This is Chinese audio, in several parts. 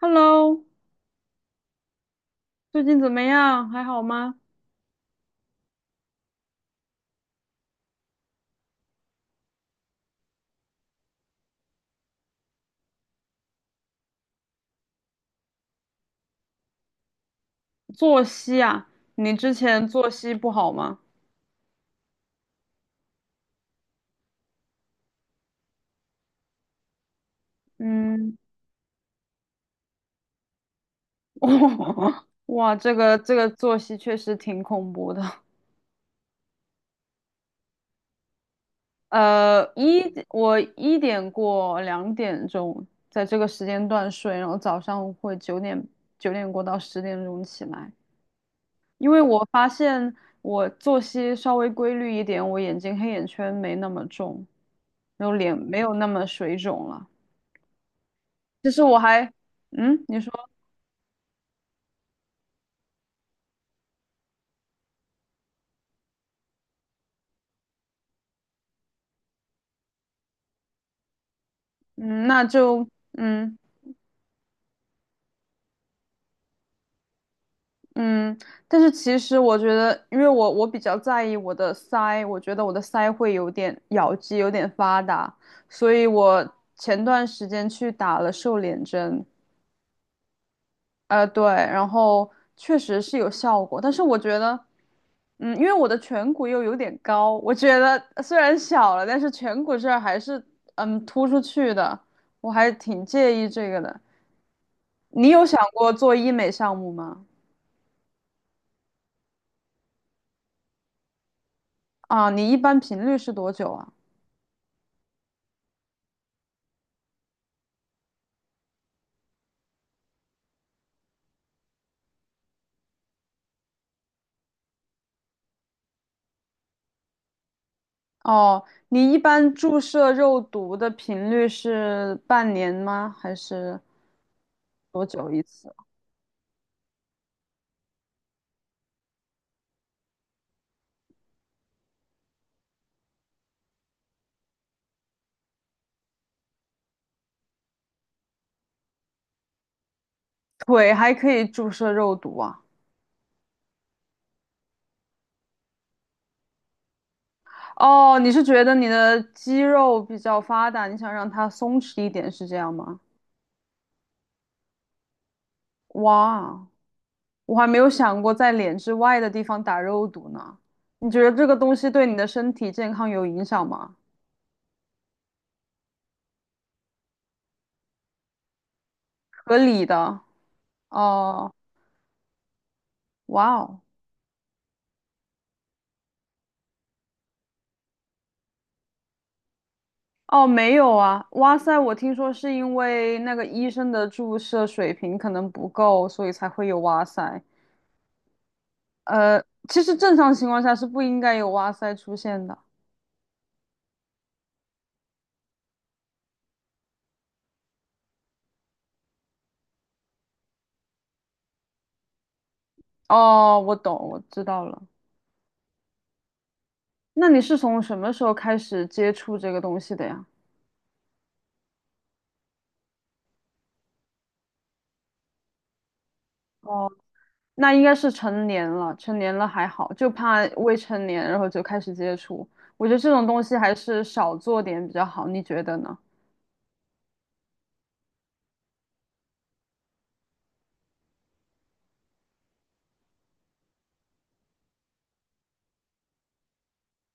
Hello，最近怎么样？还好吗？作息啊，你之前作息不好吗？嗯，哇，这个作息确实挺恐怖的。呃，一我一点过两点钟在这个时间段睡，然后早上会九点过到十点钟起来，因为我发现我作息稍微规律一点，我眼睛黑眼圈没那么重，然后脸没有那么水肿了。其实我还，嗯，你说，嗯，那就，嗯嗯，但是其实我觉得，因为我比较在意我的腮，我觉得我的腮会有点咬肌有点发达，所以我前段时间去打了瘦脸针，对，然后确实是有效果，但是我觉得，嗯，因为我的颧骨又有点高，我觉得虽然小了，但是颧骨这儿还是突出去的，我还挺介意这个的。你有想过做医美项目吗？啊，你一般频率是多久啊？哦，你一般注射肉毒的频率是半年吗？还是多久一次？腿还可以注射肉毒啊？哦，你是觉得你的肌肉比较发达，你想让它松弛一点，是这样吗？哇，我还没有想过在脸之外的地方打肉毒呢。你觉得这个东西对你的身体健康有影响吗？合理的。哦，哇哦，哦，没有啊。哇塞，我听说是因为那个医生的注射水平可能不够，所以才会有哇塞。呃，其实正常情况下是不应该有哇塞出现的。哦，我懂，我知道了。那你是从什么时候开始接触这个东西的呀？哦，那应该是成年了，成年了还好，就怕未成年然后就开始接触。我觉得这种东西还是少做点比较好，你觉得呢？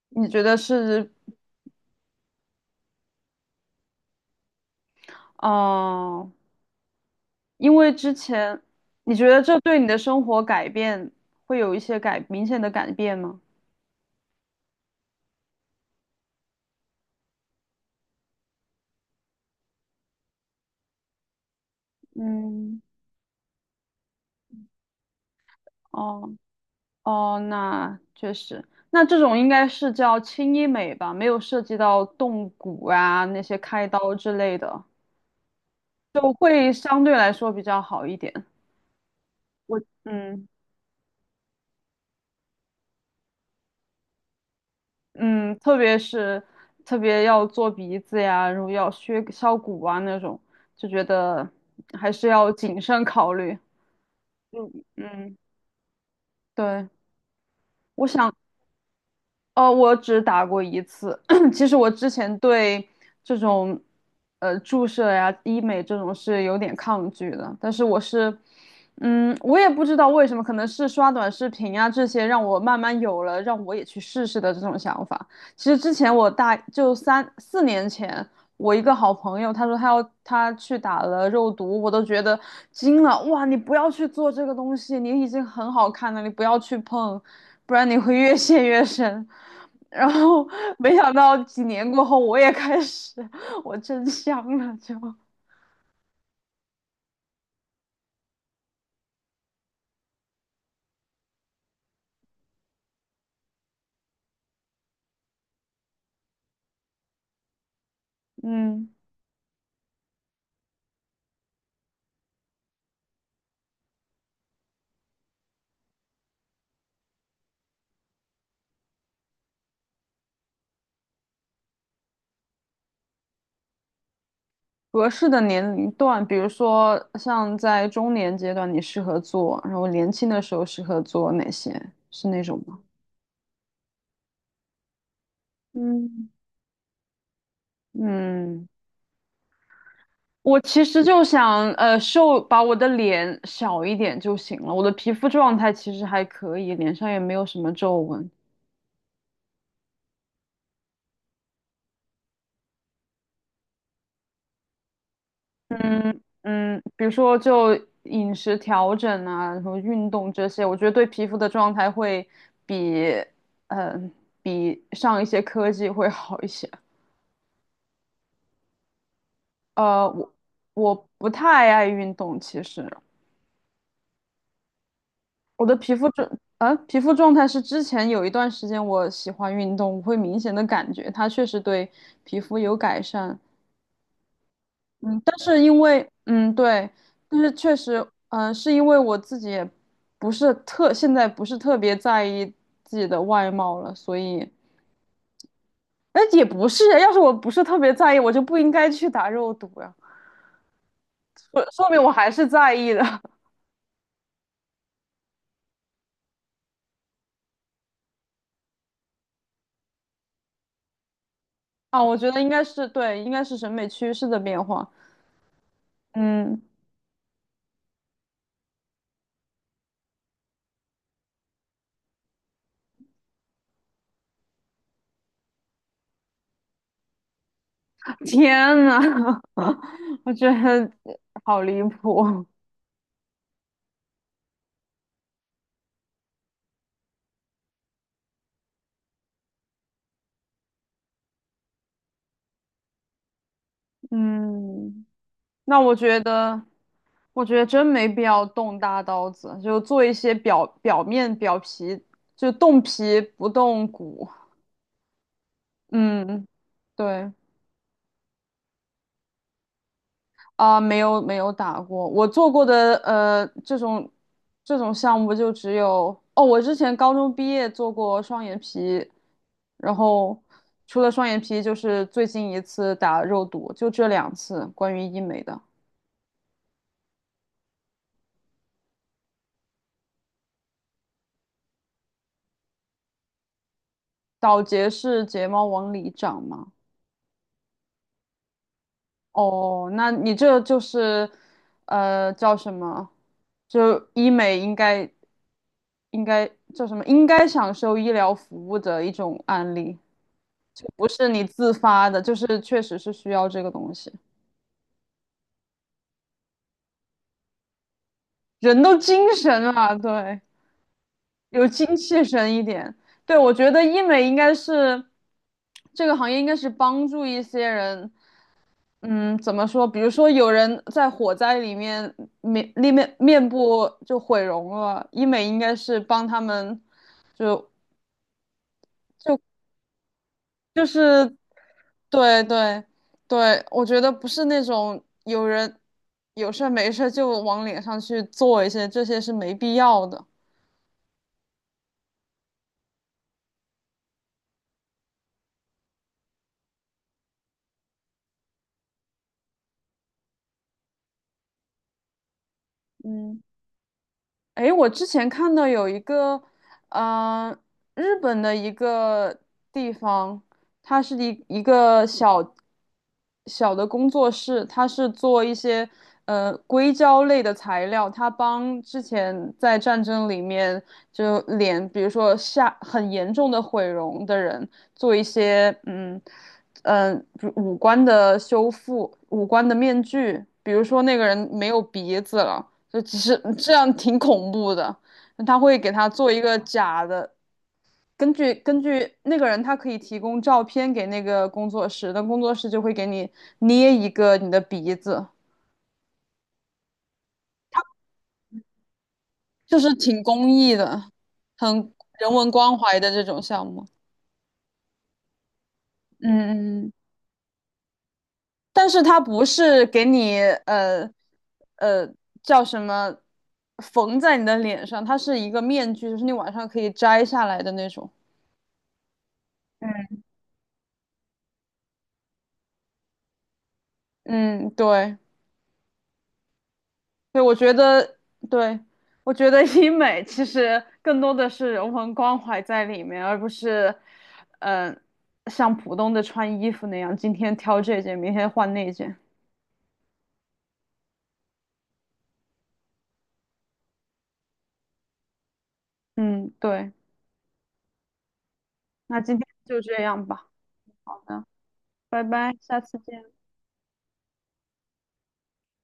你觉得是，嗯、因为之前你觉得这对你的生活改变会有一些明显的改变吗？嗯，哦。哦，那确实，那这种应该是叫轻医美吧，没有涉及到动骨啊那些开刀之类的，就会相对来说比较好一点。我嗯嗯，特别是特别要做鼻子呀，然后要削骨啊那种，就觉得还是要谨慎考虑。嗯，嗯，对，我想哦，我只打过一次。其实我之前对这种注射呀、医美这种是有点抗拒的，但是,我也不知道为什么，可能是刷短视频呀这些让我慢慢有了让我也去试试的这种想法。其实之前我大就三四年前，我一个好朋友，他说他要他去打了肉毒，我都觉得惊了。哇，你不要去做这个东西，你已经很好看了，你不要去碰，不然你会越陷越深。然后没想到几年过后，我也开始，我真香了，嗯，合适的年龄段，比如说像在中年阶段，你适合做，然后年轻的时候适合做哪些？是那种吗？嗯，嗯，我其实就想，瘦，把我的脸小一点就行了。我的皮肤状态其实还可以，脸上也没有什么皱纹。嗯嗯，比如说就饮食调整啊，然后运动这些，我觉得对皮肤的状态会比，嗯，比上一些科技会好一些。呃，我我不太爱运动，其实，我的皮肤状啊，皮肤状态是之前有一段时间我喜欢运动，我会明显的感觉它确实对皮肤有改善。嗯，但是因为嗯对，但是确实是因为我自己也不是特现在不是特别在意自己的外貌了，所以哎也不是啊，要是我不是特别在意，我就不应该去打肉毒呀，说明我还是在意的 啊。我觉得应该是对，应该是审美趋势的变化。嗯，天呐，我觉得好离谱。嗯，那我觉得，我觉得真没必要动大刀子，就做一些表面表皮，就动皮不动骨。嗯，对。啊，没有没有打过，我做过的这种这种项目就只有哦，我之前高中毕业做过双眼皮，然后除了双眼皮就是最近一次打肉毒，就这两次关于医美的。倒睫是睫毛往里长吗？哦，那你这就是叫什么？就医美应该应该叫什么？应该享受医疗服务的一种案例。就不是你自发的，就是确实是需要这个东西。人都精神了，对，有精气神一点。对，我觉得医美应该是这个行业，应该是帮助一些人。嗯，怎么说？比如说有人在火灾里面面部就毁容了，医美应该是帮他们就就就是对对对，我觉得不是那种有人有事儿没事儿就往脸上去做一些，这些是没必要的。嗯。诶，我之前看到有一个，嗯、日本的一个地方，它是一个小小的工作室，它是做一些硅胶类的材料，它帮之前在战争里面就脸，比如说下很严重的毁容的人做一些比如五官的修复，五官的面具，比如说那个人没有鼻子了。就只是这样挺恐怖的。他会给他做一个假的，根据那个人，他可以提供照片给那个工作室，那工作室就会给你捏一个你的鼻子，就是挺公益的，很人文关怀的这种项目。嗯，嗯嗯但是他不是给你呃呃叫什么缝在你的脸上，它是一个面具，就是你晚上可以摘下来的那种。嗯嗯，对。对，我觉得，对，我觉得医美其实更多的是人文关怀在里面，而不是，嗯、像普通的穿衣服那样，今天挑这件，明天换那件。嗯，对，那今天就这样吧。好的，拜拜，下次见。